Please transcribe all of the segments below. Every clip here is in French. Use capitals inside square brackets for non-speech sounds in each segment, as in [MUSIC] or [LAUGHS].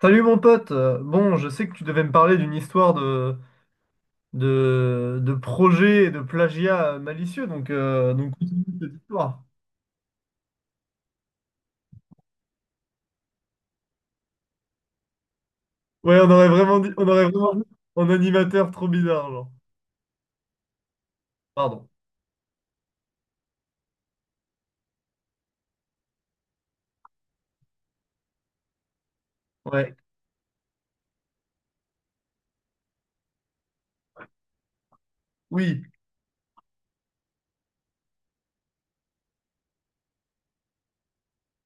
Salut mon pote, bon je sais que tu devais me parler d'une histoire de projet et de plagiat malicieux, donc continue cette histoire. Ouais, on aurait vraiment dit, on aurait vraiment dit en animateur trop bizarre, genre. Pardon. Ouais, oui,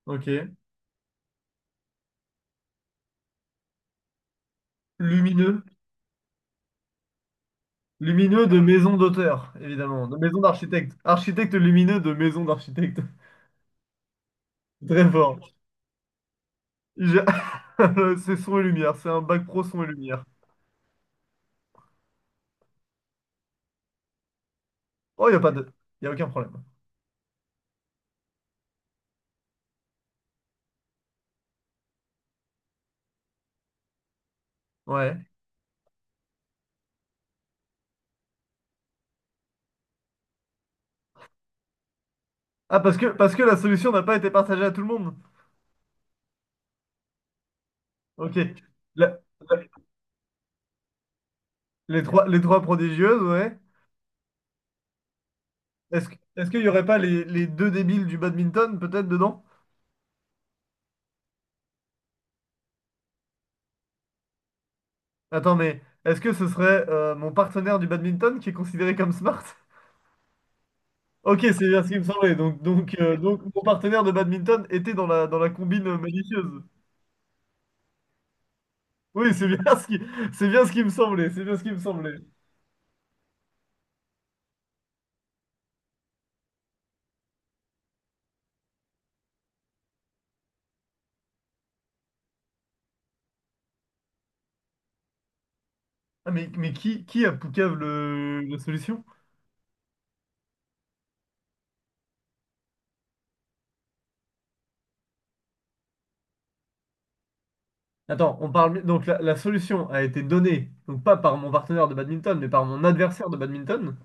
ok. Lumineux. Lumineux de maison d'auteur, évidemment, de maison d'architecte. Architecte lumineux de maison d'architecte. [LAUGHS] Très fort. Je- [LAUGHS] C'est son et lumière, c'est un bac pro son et lumière. Oh, il n'y a pas de... Il n'y a aucun problème. Ouais. Ah, parce que la solution n'a pas été partagée à tout le monde. Ok. La- la- les trois prodigieuses, ouais. Est-ce qu'il n'y aurait pas les deux débiles du badminton, peut-être, dedans? Attends, mais est-ce que ce serait mon partenaire du badminton qui est considéré comme smart? Ok, c'est bien ce qui me semblait. Donc mon partenaire de badminton était dans la combine malicieuse. Oui, c'est bien [LAUGHS] ce qui, c'est bien ce qui me semblait. C'est bien ce qui me semblait. Ah, mais qui a Poucave la solution? Attends, on parle donc la solution a été donnée, donc pas par mon partenaire de badminton, mais par mon adversaire de badminton.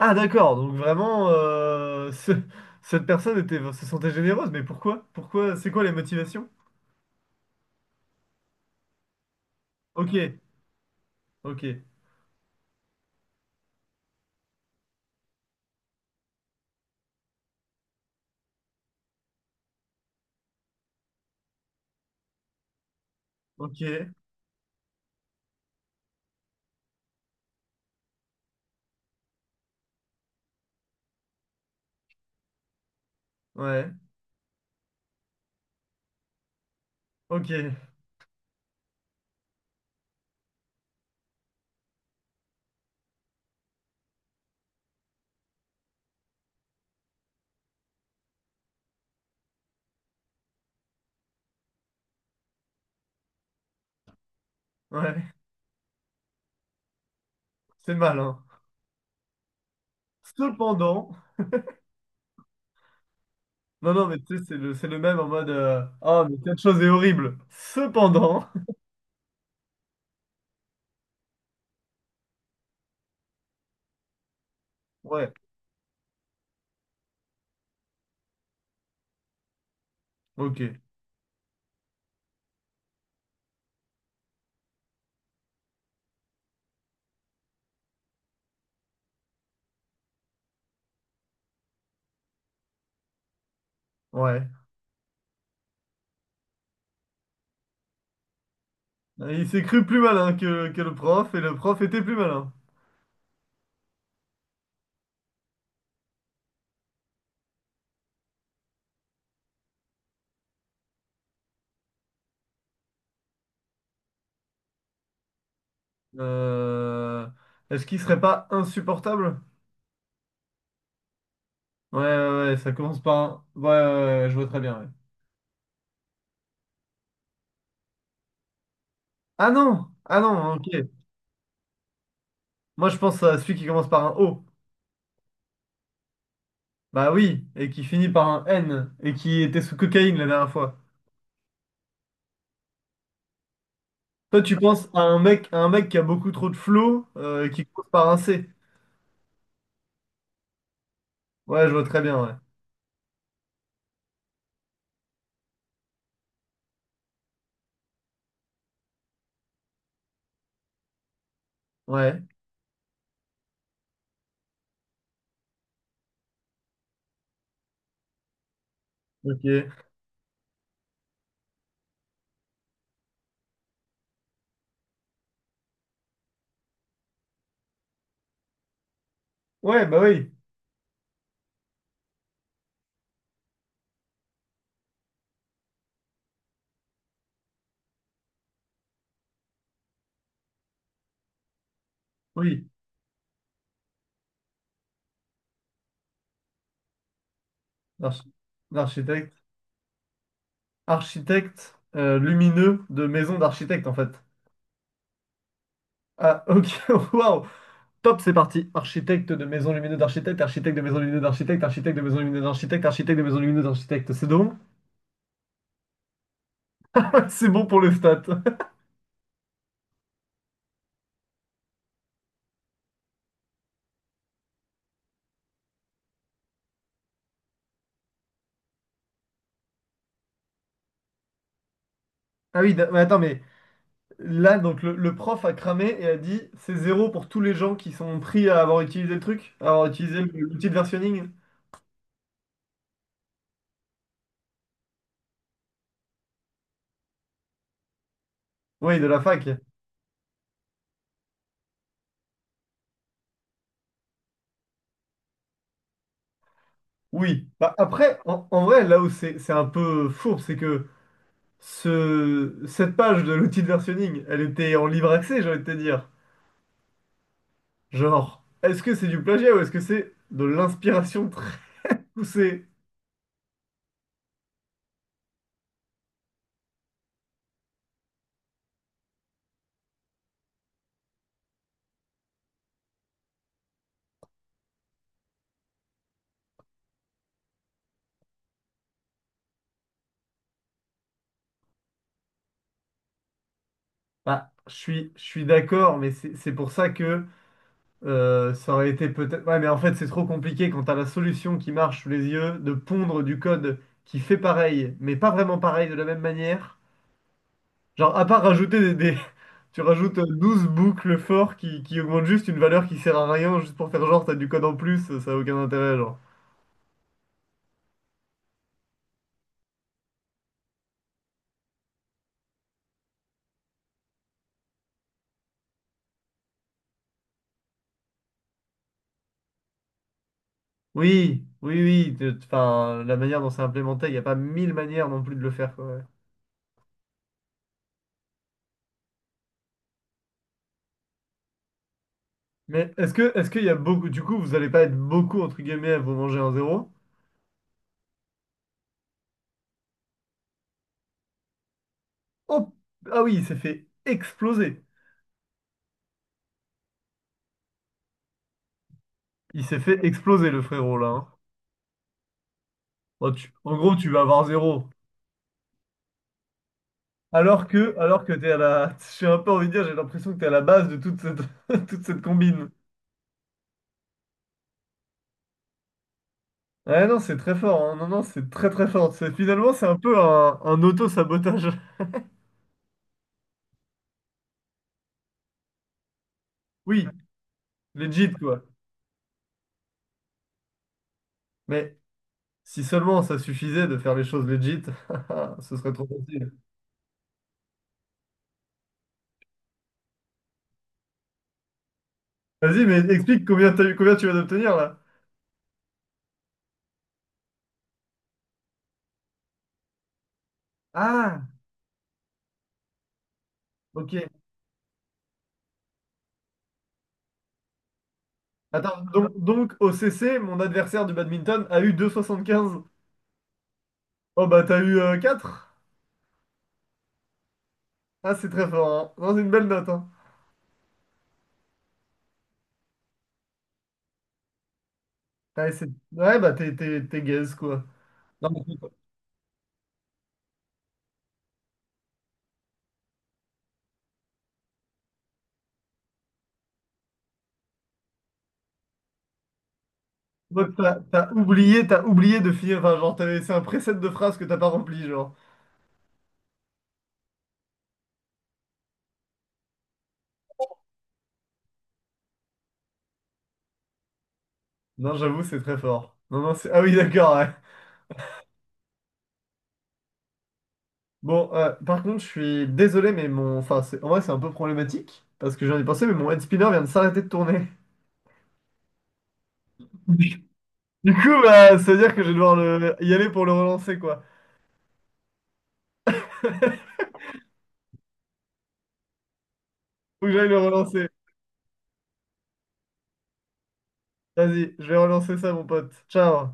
Ah d'accord, donc vraiment cette personne était se sentait généreuse, mais pourquoi? Pourquoi? C'est quoi les motivations? Ok, ok, ok, ouais, ok, ouais, c'est mal, hein. Cependant, non non mais tu sais c'est le même en mode oh mais cette chose est horrible. Cependant, [LAUGHS] ouais, ok, ouais. Il s'est cru plus malin que le prof et le prof était plus malin. Euh, Est-ce qu'il serait pas insupportable? Ouais, ouais, ouais, ça commence par un. Ouais, ouais, ouais, ouais, je vois très bien, ouais. Ah non! Ah non, ok. Moi, je pense à celui qui commence par un O. Bah oui, et qui finit par un N, et qui était sous cocaïne la dernière fois. Toi, tu penses à un mec qui a beaucoup trop de flow, qui commence par un C. Ouais, je vois très bien, ouais. Ouais, ok. Ouais, bah oui, oui. L'archi- L'architecte. Architecte lumineux de maison d'architecte, en fait. Ah, ok, [LAUGHS] waouh! Top, c'est parti. Architecte de maison lumineuse d'architecte, architecte de maison lumineuse d'architecte, architecte de maison lumineuse d'architecte, architecte de maison lumineuse d'architecte. C'est bon? [LAUGHS] C'est bon pour le stat. [LAUGHS] Ah oui, d- mais attends, mais là, donc le prof a cramé et a dit c'est zéro pour tous les gens qui sont pris à avoir utilisé le truc, à avoir utilisé l'outil de versionning. Oui, de la fac. Oui. Bah, après, en vrai, là où c'est un peu fourbe, c'est que cette page de l'outil de versionning, elle était en libre accès, j'ai envie de te dire. Genre, est-ce que c'est du plagiat ou est-ce que c'est de l'inspiration poussé. Bah, je suis d'accord, mais c'est pour ça que ça aurait été peut-être. Ouais, mais en fait, c'est trop compliqué quand t'as la solution qui marche sous les yeux de pondre du code qui fait pareil, mais pas vraiment pareil de la même manière. Genre, à part rajouter [LAUGHS] Tu rajoutes 12 boucles forts qui augmentent juste une valeur qui sert à rien, juste pour faire genre, t'as du code en plus, ça a aucun intérêt, genre. Oui, oui, oui. de- Enfin, la manière dont c'est implémenté, il n'y a pas mille manières non plus de le faire, quoi, ouais. Mais est-ce que est-ce qu'il y a beaucoup du coup vous allez pas être beaucoup entre guillemets à vous manger un zéro? Oh ah oui il s'est fait exploser. Il s'est fait exploser le frérot là, hein. Oh, tu- en gros tu vas avoir zéro. Alors que t'es à la. [LAUGHS] J'ai un peu envie de dire, j'ai l'impression que t'es à la base de toute cette [LAUGHS] toute cette combine. Ouais non c'est très fort, hein. Non non c'est très très fort. C'est- Finalement c'est un peu un auto-sabotage. [LAUGHS] Oui, legit quoi. Mais si seulement ça suffisait de faire les choses legit, [LAUGHS] ce serait trop facile. Vas-y, mais explique combien t'as eu, combien tu vas d'obtenir là. Ah, ok. Attends, donc, au CC, mon adversaire du badminton a eu 2,75. Oh bah t'as eu quatre. Ah, c'est très fort, hein. Non, c'est une belle note, hein. Ouais, ouais, bah t'es gaze, quoi. Non, mais écoute, toi, t'as oublié, t'as oublié de finir. Enfin, genre, t'as laissé un preset de phrase que t'as pas rempli, genre. Non, j'avoue, c'est très fort. Non, non, c'est. Ah oui, d'accord, ouais. Bon, par contre, je suis désolé, mais mon. Enfin, c'est- en vrai, c'est un peu problématique. Parce que j'en ai pensé, mais mon head spinner vient de s'arrêter de tourner. Du coup, bah, ça veut dire que je vais devoir le... y aller pour le relancer, quoi. Faut que j'aille le relancer. Vas-y, je vais relancer ça, mon pote. Ciao.